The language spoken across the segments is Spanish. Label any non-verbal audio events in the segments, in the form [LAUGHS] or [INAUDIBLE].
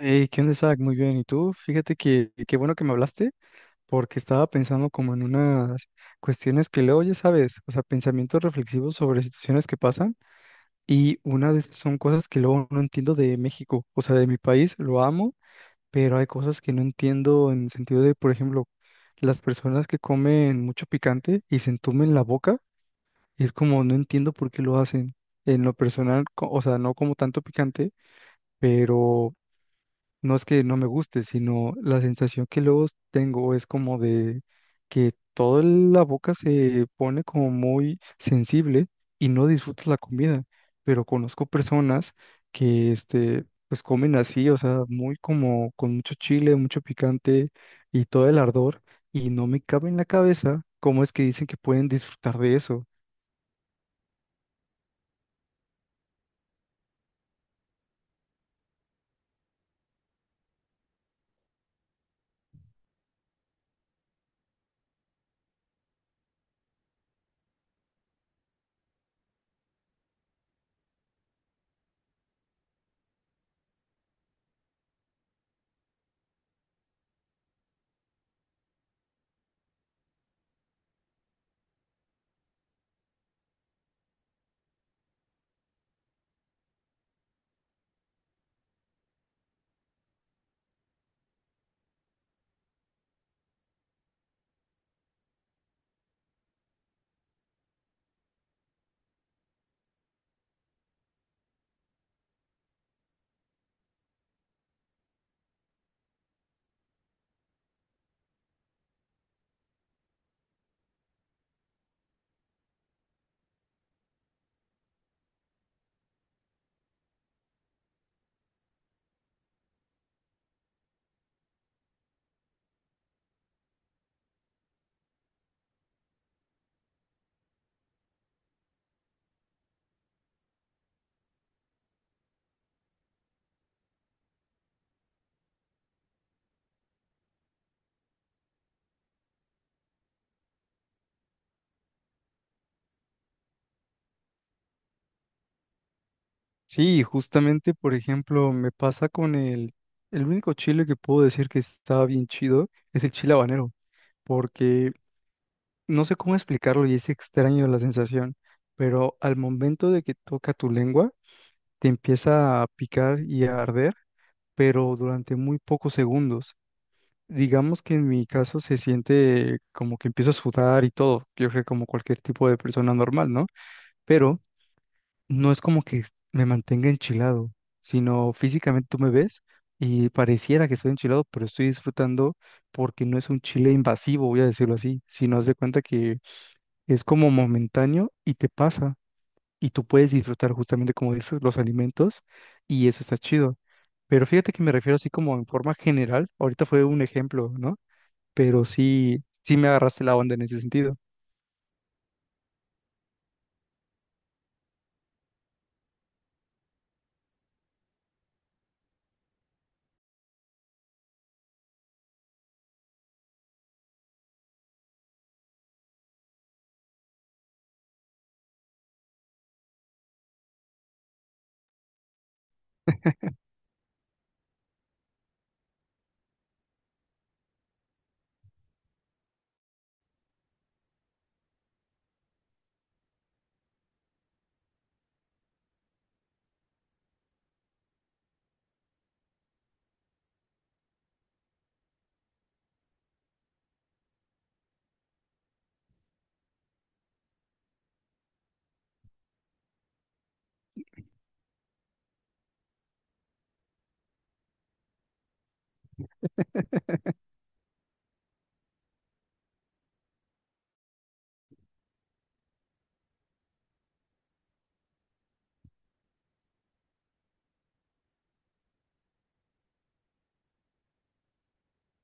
Hey, ¿qué onda, Isaac? Muy bien. ¿Y tú? Fíjate que qué bueno que me hablaste, porque estaba pensando como en unas cuestiones que luego, ya sabes, o sea, pensamientos reflexivos sobre situaciones que pasan. Y una de esas son cosas que luego no entiendo de México, o sea, de mi país, lo amo, pero hay cosas que no entiendo en el sentido de, por ejemplo, las personas que comen mucho picante y se entumen la boca, y es como no entiendo por qué lo hacen. En lo personal, o sea, no como tanto picante, pero. No es que no me guste, sino la sensación que luego tengo es como de que toda la boca se pone como muy sensible y no disfrutas la comida. Pero conozco personas que pues comen así, o sea, muy como con mucho chile, mucho picante y todo el ardor, y no me cabe en la cabeza cómo es que dicen que pueden disfrutar de eso. Sí, justamente, por ejemplo, me pasa con el único chile que puedo decir que está bien chido es el chile habanero porque no sé cómo explicarlo y es extraño la sensación, pero al momento de que toca tu lengua, te empieza a picar y a arder, pero durante muy pocos segundos. Digamos que en mi caso se siente como que empiezo a sudar y todo, yo creo que como cualquier tipo de persona normal, ¿no? Pero no es como que me mantenga enchilado, sino físicamente tú me ves y pareciera que estoy enchilado, pero estoy disfrutando porque no es un chile invasivo, voy a decirlo así, sino haz de cuenta que es como momentáneo y te pasa y tú puedes disfrutar justamente como dices los alimentos y eso está chido. Pero fíjate que me refiero así como en forma general, ahorita fue un ejemplo, ¿no? Pero sí, sí me agarraste la onda en ese sentido.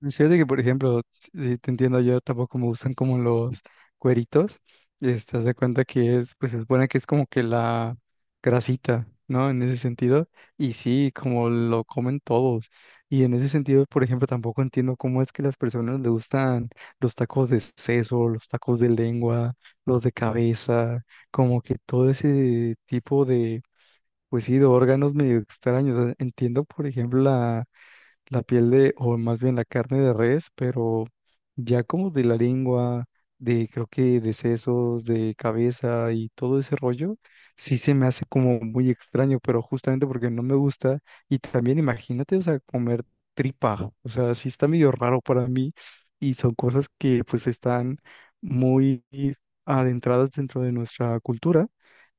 Fíjate que, por ejemplo, si te entiendo, yo tampoco me gustan como los cueritos. Haz de cuenta que es, pues se supone que es como que la grasita, ¿no? En ese sentido. Y sí, como lo comen todos. Y en ese sentido, por ejemplo, tampoco entiendo cómo es que las personas le gustan los tacos de seso, los tacos de lengua, los de cabeza, como que todo ese tipo de, pues sí, de órganos medio extraños. O sea, entiendo, por ejemplo, la piel de, o más bien la carne de res, pero ya como de la lengua, de creo que de sesos, de cabeza y todo ese rollo, sí se me hace como muy extraño, pero justamente porque no me gusta. Y también imagínate, o sea, comer tripa, o sea, sí está medio raro para mí y son cosas que pues están muy adentradas dentro de nuestra cultura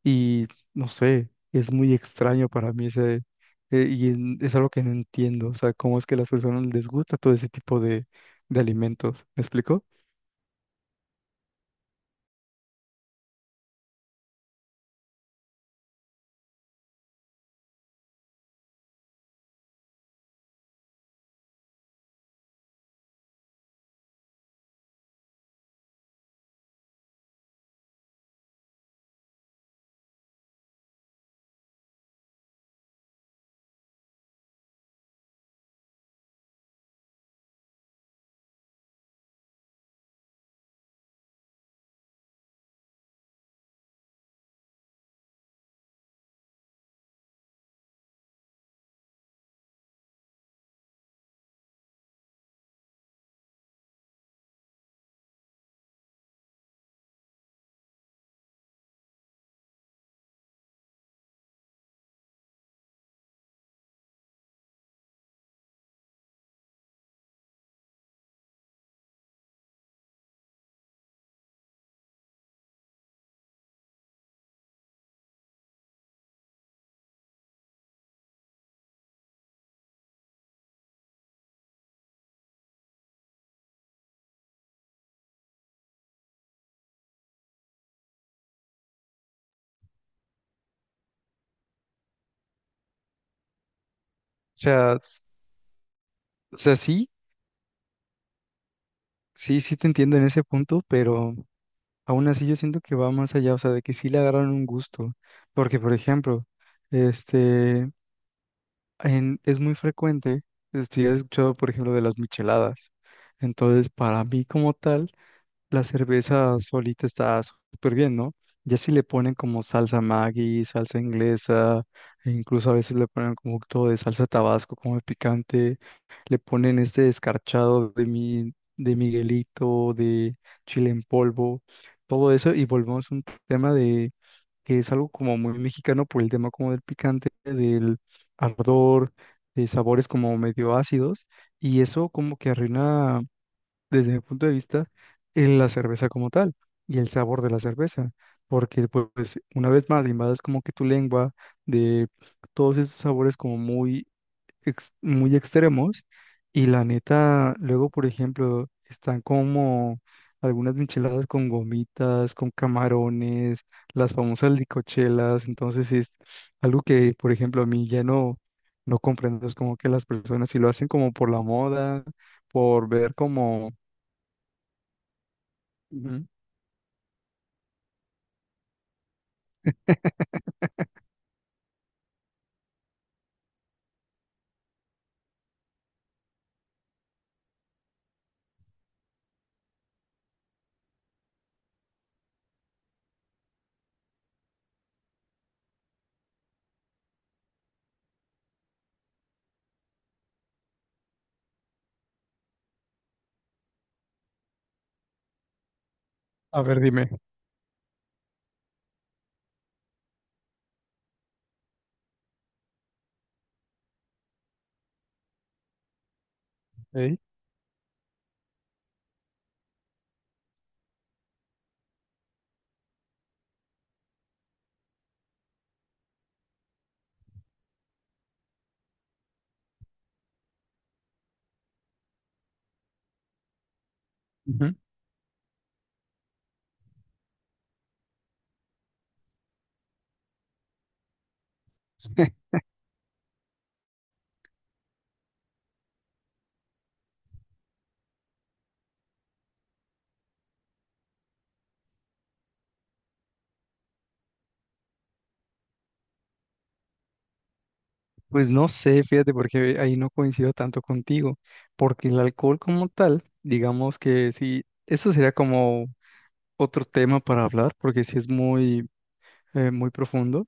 y no sé, es muy extraño para mí ese, es algo que no entiendo, o sea, cómo es que a las personas les gusta todo ese tipo de alimentos, ¿me explico? O sea, o sea, sí, sí te entiendo en ese punto, pero aún así yo siento que va más allá, o sea, de que sí le agarran un gusto, porque por ejemplo, este, es muy frecuente, he escuchado por ejemplo de las micheladas, entonces para mí como tal, la cerveza solita está súper bien, ¿no? Ya si le ponen como salsa Maggi, salsa inglesa, e incluso a veces le ponen como un poquito de salsa Tabasco, como de picante, le ponen este descarchado de de Miguelito, de chile en polvo, todo eso, y volvemos a un tema de que es algo como muy mexicano por el tema como del picante, del ardor, de sabores como medio ácidos, y eso como que arruina desde mi punto de vista, en la cerveza como tal y el sabor de la cerveza, porque pues una vez más invades como que tu lengua de todos esos sabores como muy, muy extremos y la neta, luego por ejemplo, están como algunas micheladas con gomitas, con camarones, las famosas licochelas, entonces es algo que por ejemplo a mí ya no, no comprendo, es como que las personas si lo hacen como por la moda, por ver como ujú. A ver, dime. ¿Eh? Ujú. [LAUGHS] Pues no sé, fíjate, porque ahí no coincido tanto contigo, porque el alcohol como tal, digamos que sí, eso sería como otro tema para hablar, porque sí es muy, muy profundo.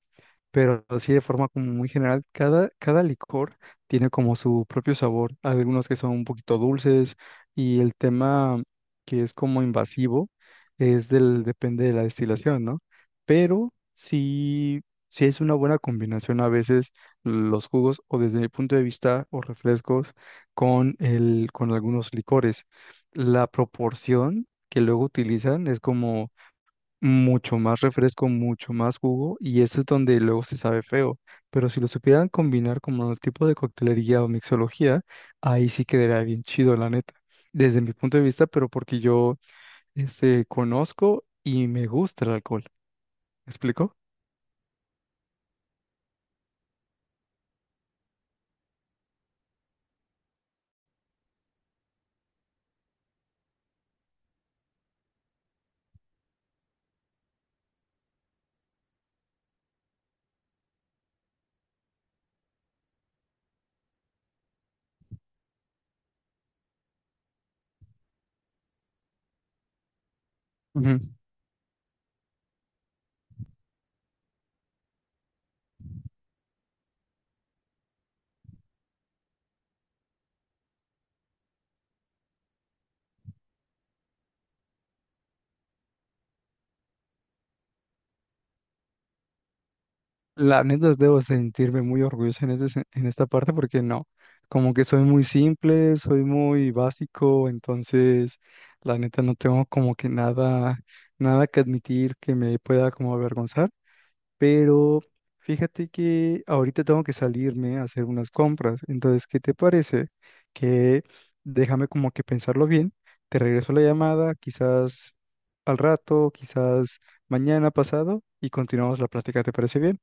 Pero sí de forma como muy general, cada licor tiene como su propio sabor. Hay algunos que son un poquito dulces y el tema que es como invasivo es del, depende de la destilación, ¿no? Pero sí, sí es una buena combinación a veces los jugos o desde mi punto de vista o refrescos con con algunos licores. La proporción que luego utilizan es como mucho más refresco, mucho más jugo, y eso es donde luego se sabe feo. Pero si lo supieran combinar como el tipo de coctelería o mixología, ahí sí quedaría bien chido, la neta. Desde mi punto de vista, pero porque yo conozco y me gusta el alcohol. ¿Me explico? La neta, debo sentirme muy orgulloso en, en esta parte porque no, como que soy muy simple, soy muy básico, entonces la neta no tengo como que nada, nada que admitir que me pueda como avergonzar, pero fíjate que ahorita tengo que salirme a hacer unas compras, entonces, ¿qué te parece? Que déjame como que pensarlo bien, te regreso la llamada, quizás al rato, quizás mañana pasado y continuamos la plática, ¿te parece bien?